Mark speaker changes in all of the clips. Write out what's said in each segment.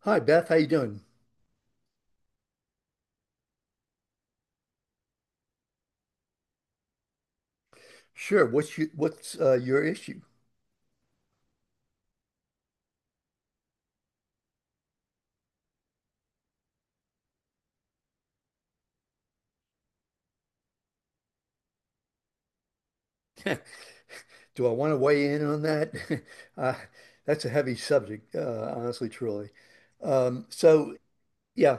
Speaker 1: Hi Beth, how you doing? Sure. What's you, what's your issue? Do I want to weigh in on that? uh, that's a heavy subject, honestly, truly. So yeah,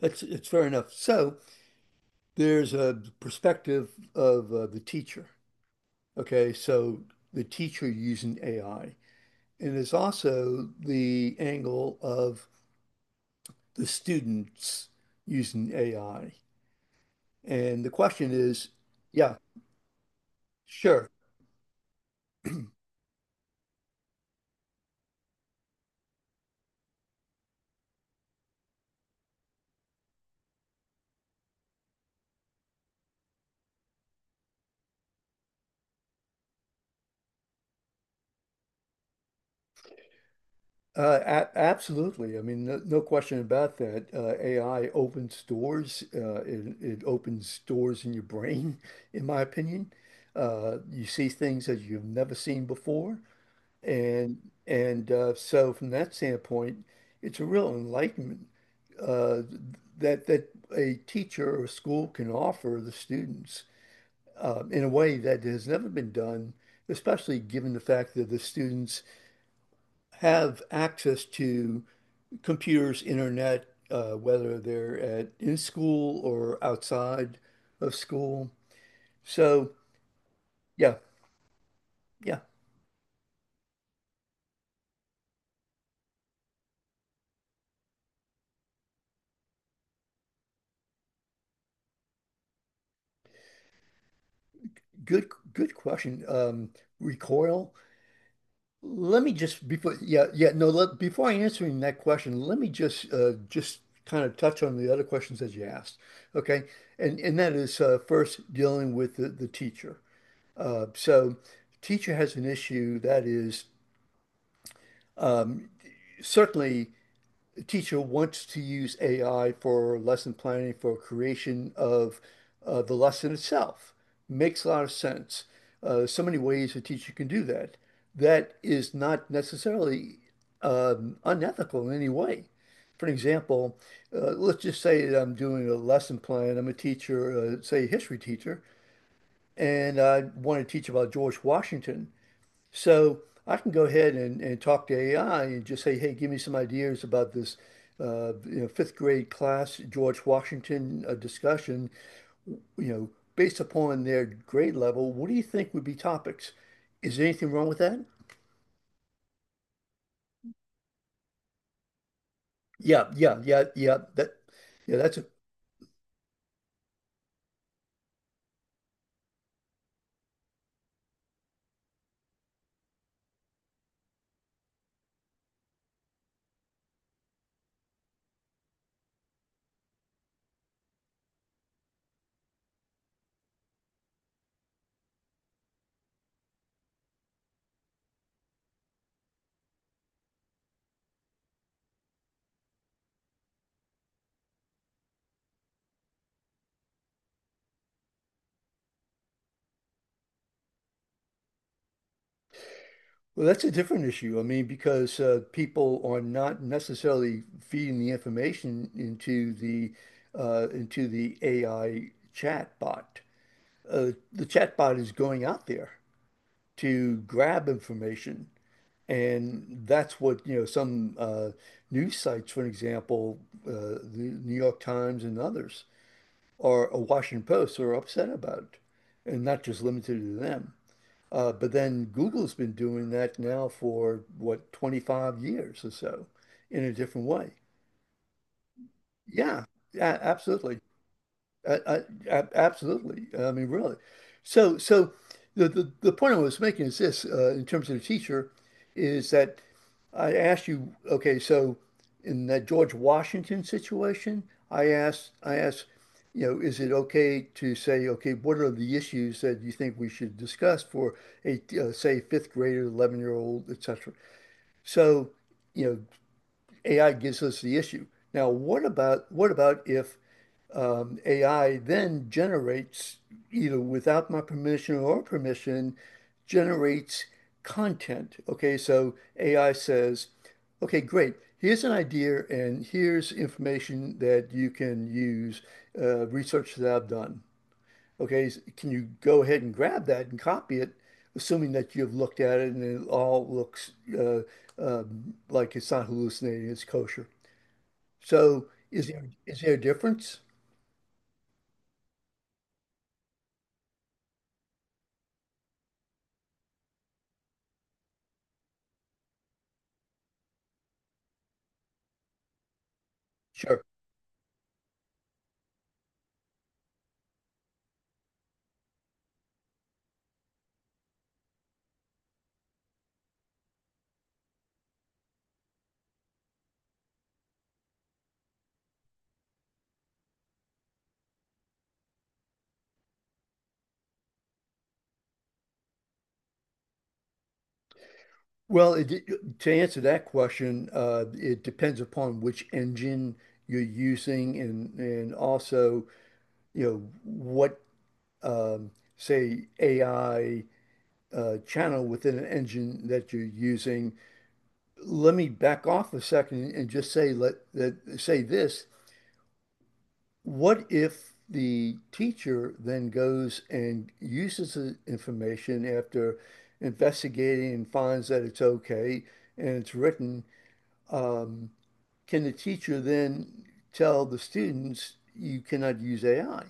Speaker 1: that's it's fair enough. So there's a perspective of the teacher. Okay, so the teacher using AI, and there's also the angle of the students using AI. And the question is, yeah, sure. A Absolutely. I mean, no, no question about that. AI opens doors. It opens doors in your brain, in my opinion. You see things that you've never seen before, and and so from that standpoint, it's a real enlightenment, uh, that that a teacher or school can offer the students, in a way that has never been done, especially given the fact that the students have access to computers, internet, whether they're at in school or outside of school. So yeah, yeah, good question. Recoil. Let me just before yeah yeah no let, Before I answering that question, let me just kind of touch on the other questions that you asked. Okay, and that is first dealing with the teacher. So teacher has an issue that is um, certainly teacher wants to use AI for lesson planning, for creation of, the lesson itself. Makes a lot of sense. So many ways a teacher can do that. That is not necessarily unethical in any way. For an example, let's just say that I'm doing a lesson plan. I'm a teacher, say a history teacher, and I want to teach about George Washington. So I can go ahead and talk to AI and just say, hey, give me some ideas about this, you know, fifth grade class George Washington discussion. You know, based upon their grade level, what do you think would be topics? Is there anything wrong with that? Yeah, yeah, yeah, yeah. That, yeah, that's a well, that's a different issue. I mean, because people are not necessarily feeding the information into the AI chat bot. The chatbot is going out there to grab information. And that's what, you know, some, news sites, for example, the New York Times and others, or a Washington Post are upset about, and not just limited to them. But then Google's been doing that now for what, 25 years or so, in a different way. Yeah, yeah, absolutely. I, I, Absolutely. I mean, really. So the point I was making is this, in terms of the teacher, is that I asked you, okay, so in that George Washington situation, I asked, you know, is it okay to say, okay, what are the issues that you think we should discuss for a, say, fifth grader, 11-year-old, et cetera. So, you know, AI gives us the issue. Now, what about if AI then generates, either without my permission or permission, generates content. Okay, so AI says, okay, great. Here's an idea, and here's information that you can use, research that I've done. Okay, can you go ahead and grab that and copy it, assuming that you've looked at it and it all looks, uh, like it's not hallucinating, it's kosher. So is there a difference? Sure. Well, to answer that question, it depends upon which engine you're using and also, you know, what um, say AI channel within an engine that you're using. Let me back off a second and just say let that say this. What if the teacher then goes and uses the information after investigating and finds that it's okay and it's written? Um, Can the teacher then tell the students you cannot use AI?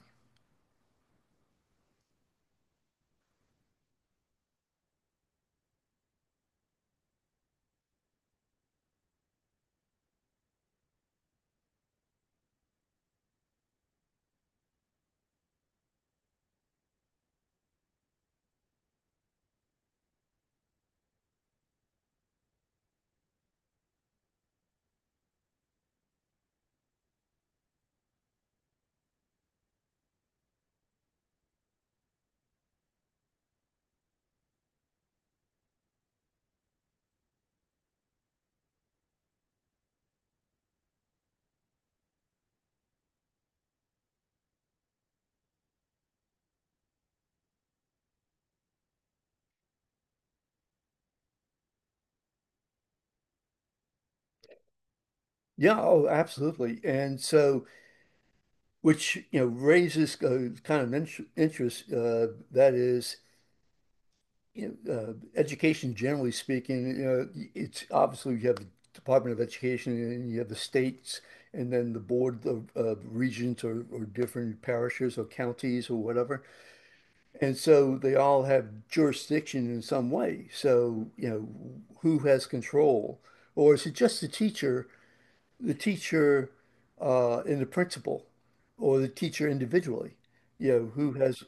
Speaker 1: Yeah, oh, absolutely. And so, which you know raises kind of interest, that is, you know, education generally speaking. You know, it's obviously you have the Department of Education and you have the states, and then the board of regions or different parishes or counties or whatever. And so they all have jurisdiction in some way. So, you know, who has control? Or is it just the teacher, the teacher and the principal, or the teacher individually? You know, who has,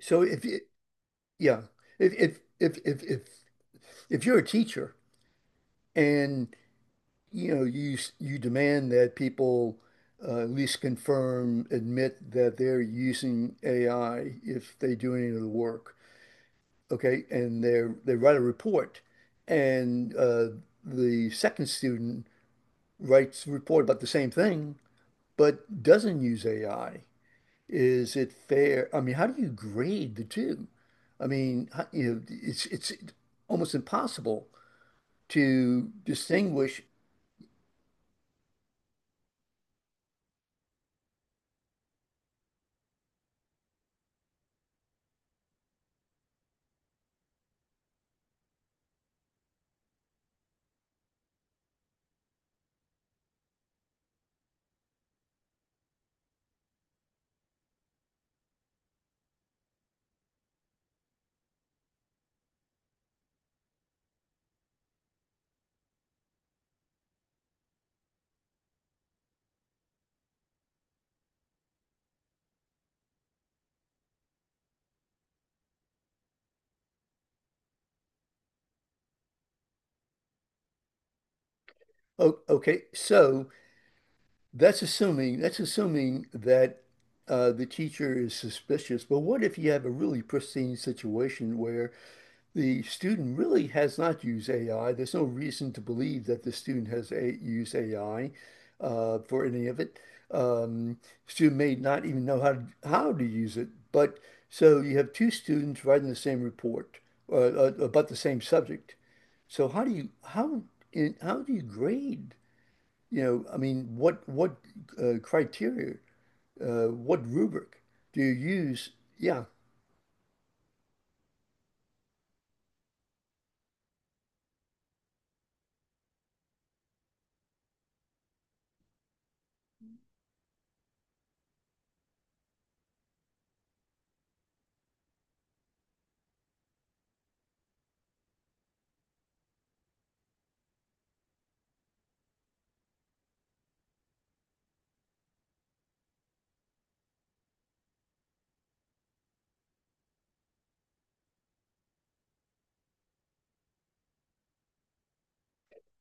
Speaker 1: so if, it- Yeah, if, if, if, if, if, if you're a teacher and, you know, you demand that people at least confirm, admit that they're using AI if they do any of the work, okay, and they write a report, and the second student writes a report about the same thing, but doesn't use AI. Is it fair? I mean, how do you grade the two? I mean, how, you know, it's almost impossible to distinguish. Okay, so that's assuming that the teacher is suspicious. But what if you have a really pristine situation where the student really has not used AI. There's no reason to believe that the student has a used AI for any of it. Um, Student may not even know how to use it. But so you have two students writing the same report about the same subject. So how do you grade? You know, I mean, what criteria, what rubric do you use? Yeah,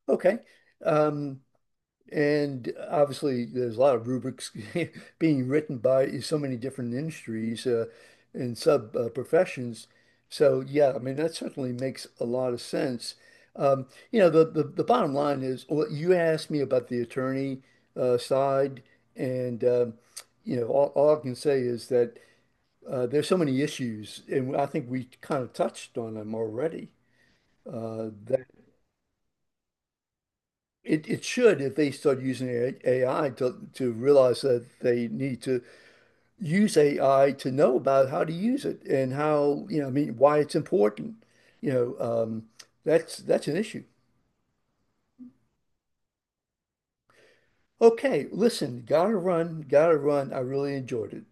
Speaker 1: okay. Um, And obviously, there's a lot of rubrics being written by so many different industries, and sub professions. So yeah, I mean that certainly makes a lot of sense. Um, you know, the bottom line is, well, you asked me about the attorney side, and you know, all I can say is that there's so many issues, and I think we kind of touched on them already. Uh, It, it should if they start using AI to realize that they need to use AI to know about how to use it and how, you know, I mean, why it's important. You know, that's an issue. Okay, listen, gotta run, gotta run. I really enjoyed it.